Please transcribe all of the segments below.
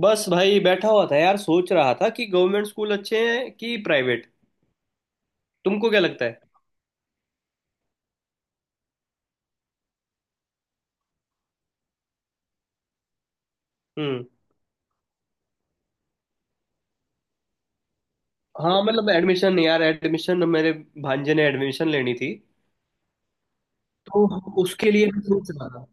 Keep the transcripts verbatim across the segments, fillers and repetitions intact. बस भाई बैठा हुआ था यार। सोच रहा था कि गवर्नमेंट स्कूल अच्छे हैं कि प्राइवेट। तुमको क्या लगता है? हम्म। हाँ मतलब एडमिशन यार, एडमिशन मेरे भांजे ने एडमिशन लेनी थी। तो उसके लिए मैं सोच रहा था।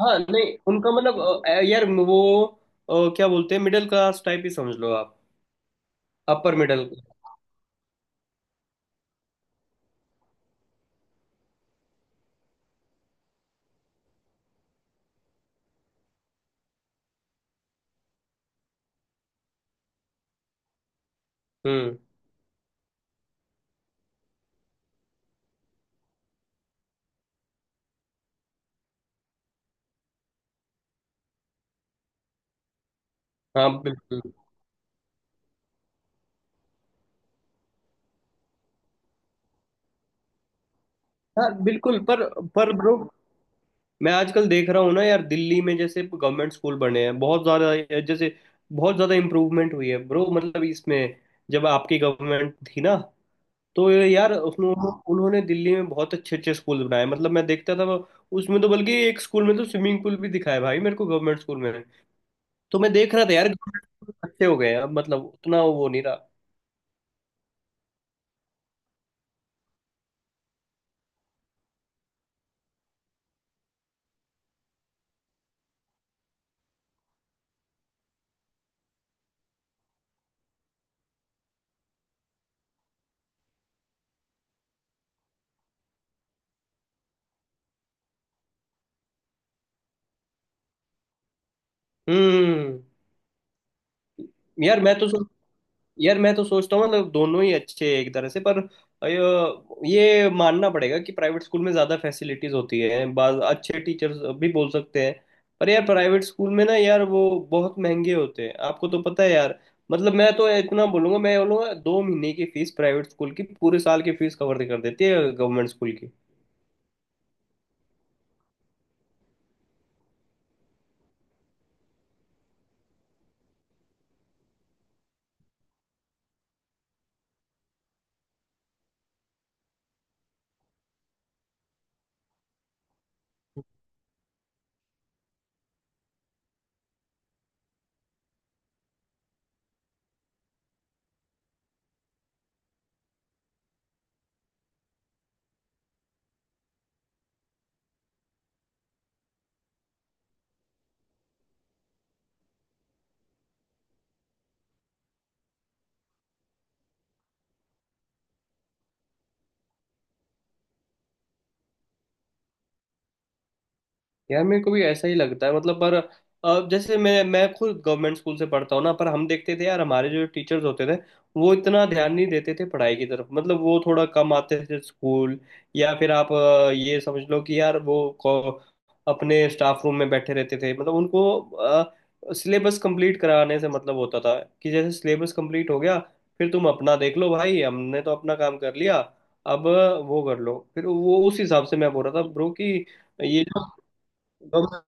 हाँ नहीं उनका मतलब अ, यार वो अ, क्या बोलते हैं, मिडिल क्लास टाइप ही समझ लो आप। Upper middle. हम्म। हाँ बिल्कुल। हाँ बिल्कुल पर पर ब्रो मैं आजकल देख रहा हूँ ना यार, दिल्ली में जैसे गवर्नमेंट स्कूल बने हैं बहुत ज़्यादा, जैसे बहुत ज़्यादा इम्प्रूवमेंट हुई है ब्रो मतलब इसमें। जब आपकी गवर्नमेंट थी ना, तो यार उसमें उन्हों- उन्होंने दिल्ली में बहुत अच्छे अच्छे स्कूल बनाए। मतलब मैं देखता था वो- उसमें तो बल्कि एक स्कूल में तो स्विमिंग पूल भी दिखाया भाई मेरे को, गवर्नमेंट स्कूल में। तो मैं देख रहा था यार गवर्नमेंट स्कूल अच्छे हो गए हैं अब, मतलब उतना वो नहीं रहा। हम्म। यार मैं तो सोच यार मैं तो सोचता हूँ मतलब दोनों ही अच्छे हैं एक तरह से। पर अ, ये मानना पड़ेगा कि प्राइवेट स्कूल में ज़्यादा फैसिलिटीज़ होती है, बाज अच्छे टीचर्स भी बोल सकते हैं। पर यार प्राइवेट स्कूल में ना यार वो बहुत महंगे होते हैं, आपको तो पता है यार। मतलब मैं तो इतना बोलूंगा, मैं बोलूंगा दो महीने की फीस प्राइवेट स्कूल की पूरे साल की फीस कवर कर देती है गवर्नमेंट स्कूल की। यार मेरे को भी ऐसा ही लगता है मतलब। पर अ, जैसे मैं मैं खुद गवर्नमेंट स्कूल से पढ़ता हूँ ना, पर हम देखते थे यार हमारे जो टीचर्स होते थे वो इतना ध्यान नहीं देते थे पढ़ाई की तरफ। मतलब वो थोड़ा कम आते थे स्कूल, या फिर आप अ, ये समझ लो कि यार वो को, अपने स्टाफ रूम में बैठे रहते थे। मतलब उनको सिलेबस कंप्लीट कराने से मतलब होता था, कि जैसे सिलेबस कंप्लीट हो गया फिर तुम अपना देख लो भाई, हमने तो अपना काम कर लिया। अब वो कर लो। फिर वो उस हिसाब से मैं बोल रहा था ब्रो कि ये जो गव-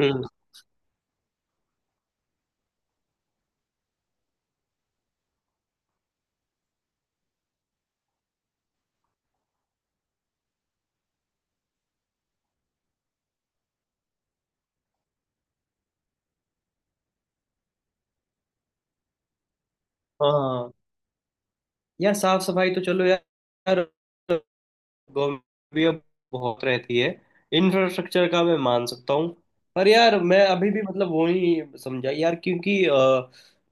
हम्म। हाँ यार साफ सफाई तो चलो यार, गवर्नमेंट भी अब बहुत रहती है। इंफ्रास्ट्रक्चर का मैं मान सकता हूँ। पर यार मैं अभी भी मतलब वो नहीं समझा यार, क्योंकि अ,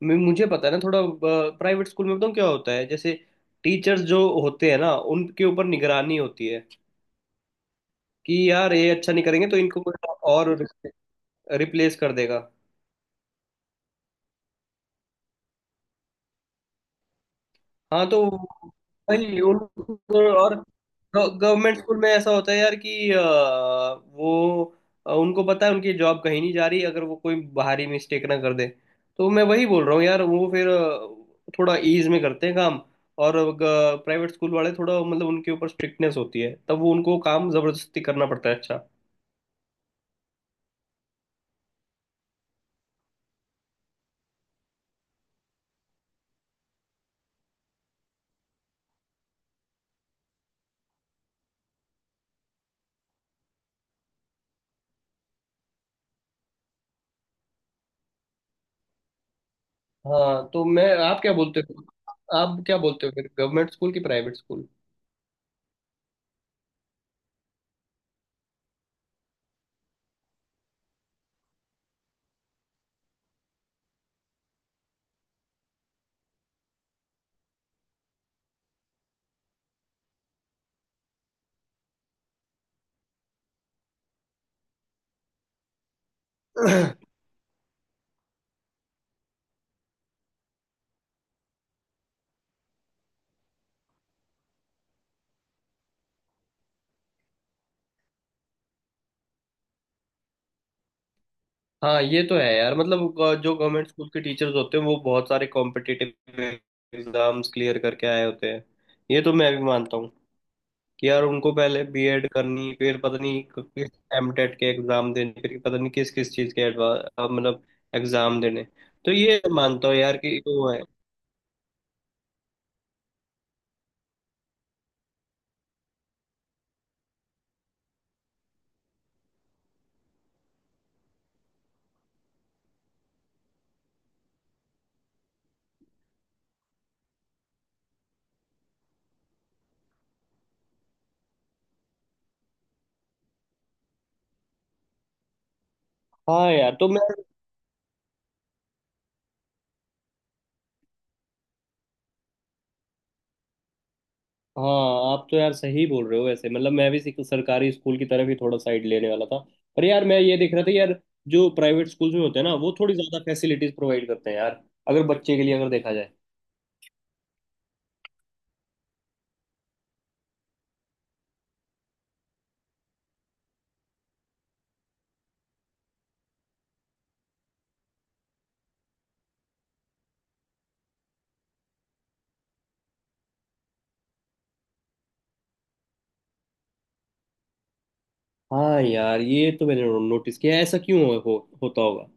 मैं- मुझे पता है ना थोड़ा। प्राइवेट स्कूल में बताऊँ क्या होता है? जैसे टीचर्स जो होते हैं ना, उनके ऊपर निगरानी होती है कि यार ये अच्छा नहीं करेंगे तो इनको कोई और रिप्लेस कर देगा। हाँ तो वही उनको। और गवर्नमेंट स्कूल में ऐसा होता है यार कि अ, वो अ, उनको पता है उनकी जॉब कहीं नहीं जा रही, अगर वो कोई बाहरी मिस्टेक ना कर दे। तो मैं वही बोल रहा हूँ यार, वो फिर अ, थोड़ा ईज में करते हैं काम। और प्राइवेट स्कूल वाले थोड़ा मतलब उनके ऊपर स्ट्रिक्टनेस होती है, तब वो उनको काम जबरदस्ती करना पड़ता है अच्छा। हाँ तो मैं, आप क्या बोलते हो? आप क्या बोलते हो फिर, गवर्नमेंट स्कूल की प्राइवेट स्कूल? हाँ ये तो है यार। मतलब अ, जो गवर्नमेंट स्कूल के टीचर्स होते हैं वो बहुत सारे कॉम्पिटिटिव एग्जाम्स क्लियर करके आए होते हैं। ये तो मैं भी मानता हूँ कि यार उनको पहले बी एड करनी, फिर पता नहीं क- किस एम टेट के एग्जाम देने, फिर पता नहीं किस किस चीज़ के एडवा अ, मतलब एग्जाम देने। तो ये मानता हूँ यार कि वो है। हाँ यार तो मैं हाँ आप तो यार सही बोल रहे हो वैसे। मतलब मैं भी सिक- सरकारी स्कूल की तरफ ही थोड़ा साइड लेने वाला था। पर यार मैं ये देख रहा था यार, जो प्राइवेट स्कूल्स में होते हैं ना वो थोड़ी ज़्यादा फैसिलिटीज प्रोवाइड करते हैं यार, अगर बच्चे के लिए अगर देखा जाए। हाँ यार ये तो मैंने नोटिस किया है, ऐसा क्यों हो, हो, होता होगा?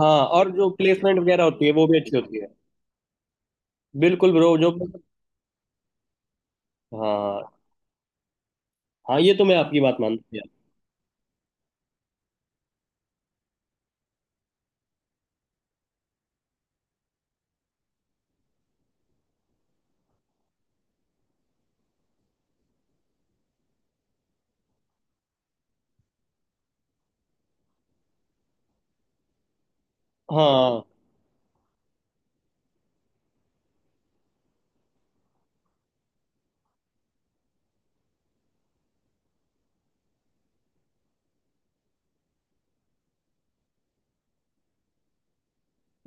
हाँ और जो प्लेसमेंट वगैरह होती है वो भी अच्छी होती है। बिल्कुल ब्रो जो। हाँ हाँ ये तो मैं आपकी बात मानता हूँ यार। हाँ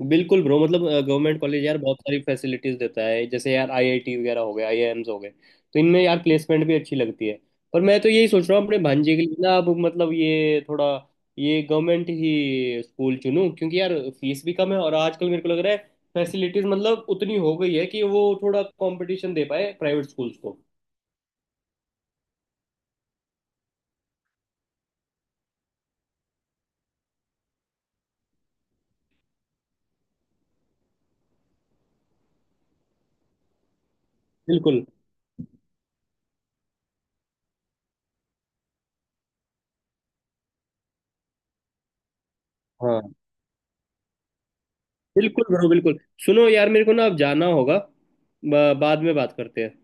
बिल्कुल ब्रो मतलब गवर्नमेंट कॉलेज यार बहुत सारी फैसिलिटीज देता है, जैसे यार आई आई टी वगैरह हो गए, आई आई एम्स हो गए। तो इनमें यार प्लेसमेंट भी अच्छी लगती है। पर मैं तो यही सोच रहा हूँ अपने भांजे के लिए ना, अब मतलब ये थोड़ा ये गवर्नमेंट ही स्कूल चुनूँ क्योंकि यार फीस भी कम है। और आजकल मेरे को लग रहा है फैसिलिटीज मतलब उतनी हो गई है कि वो थोड़ा कंपटीशन दे पाए प्राइवेट स्कूल्स को। बिल्कुल। हाँ बिल्कुल ब्रो, बिल्कुल। सुनो यार मेरे को ना अब जाना होगा। ब- बाद में बात करते हैं।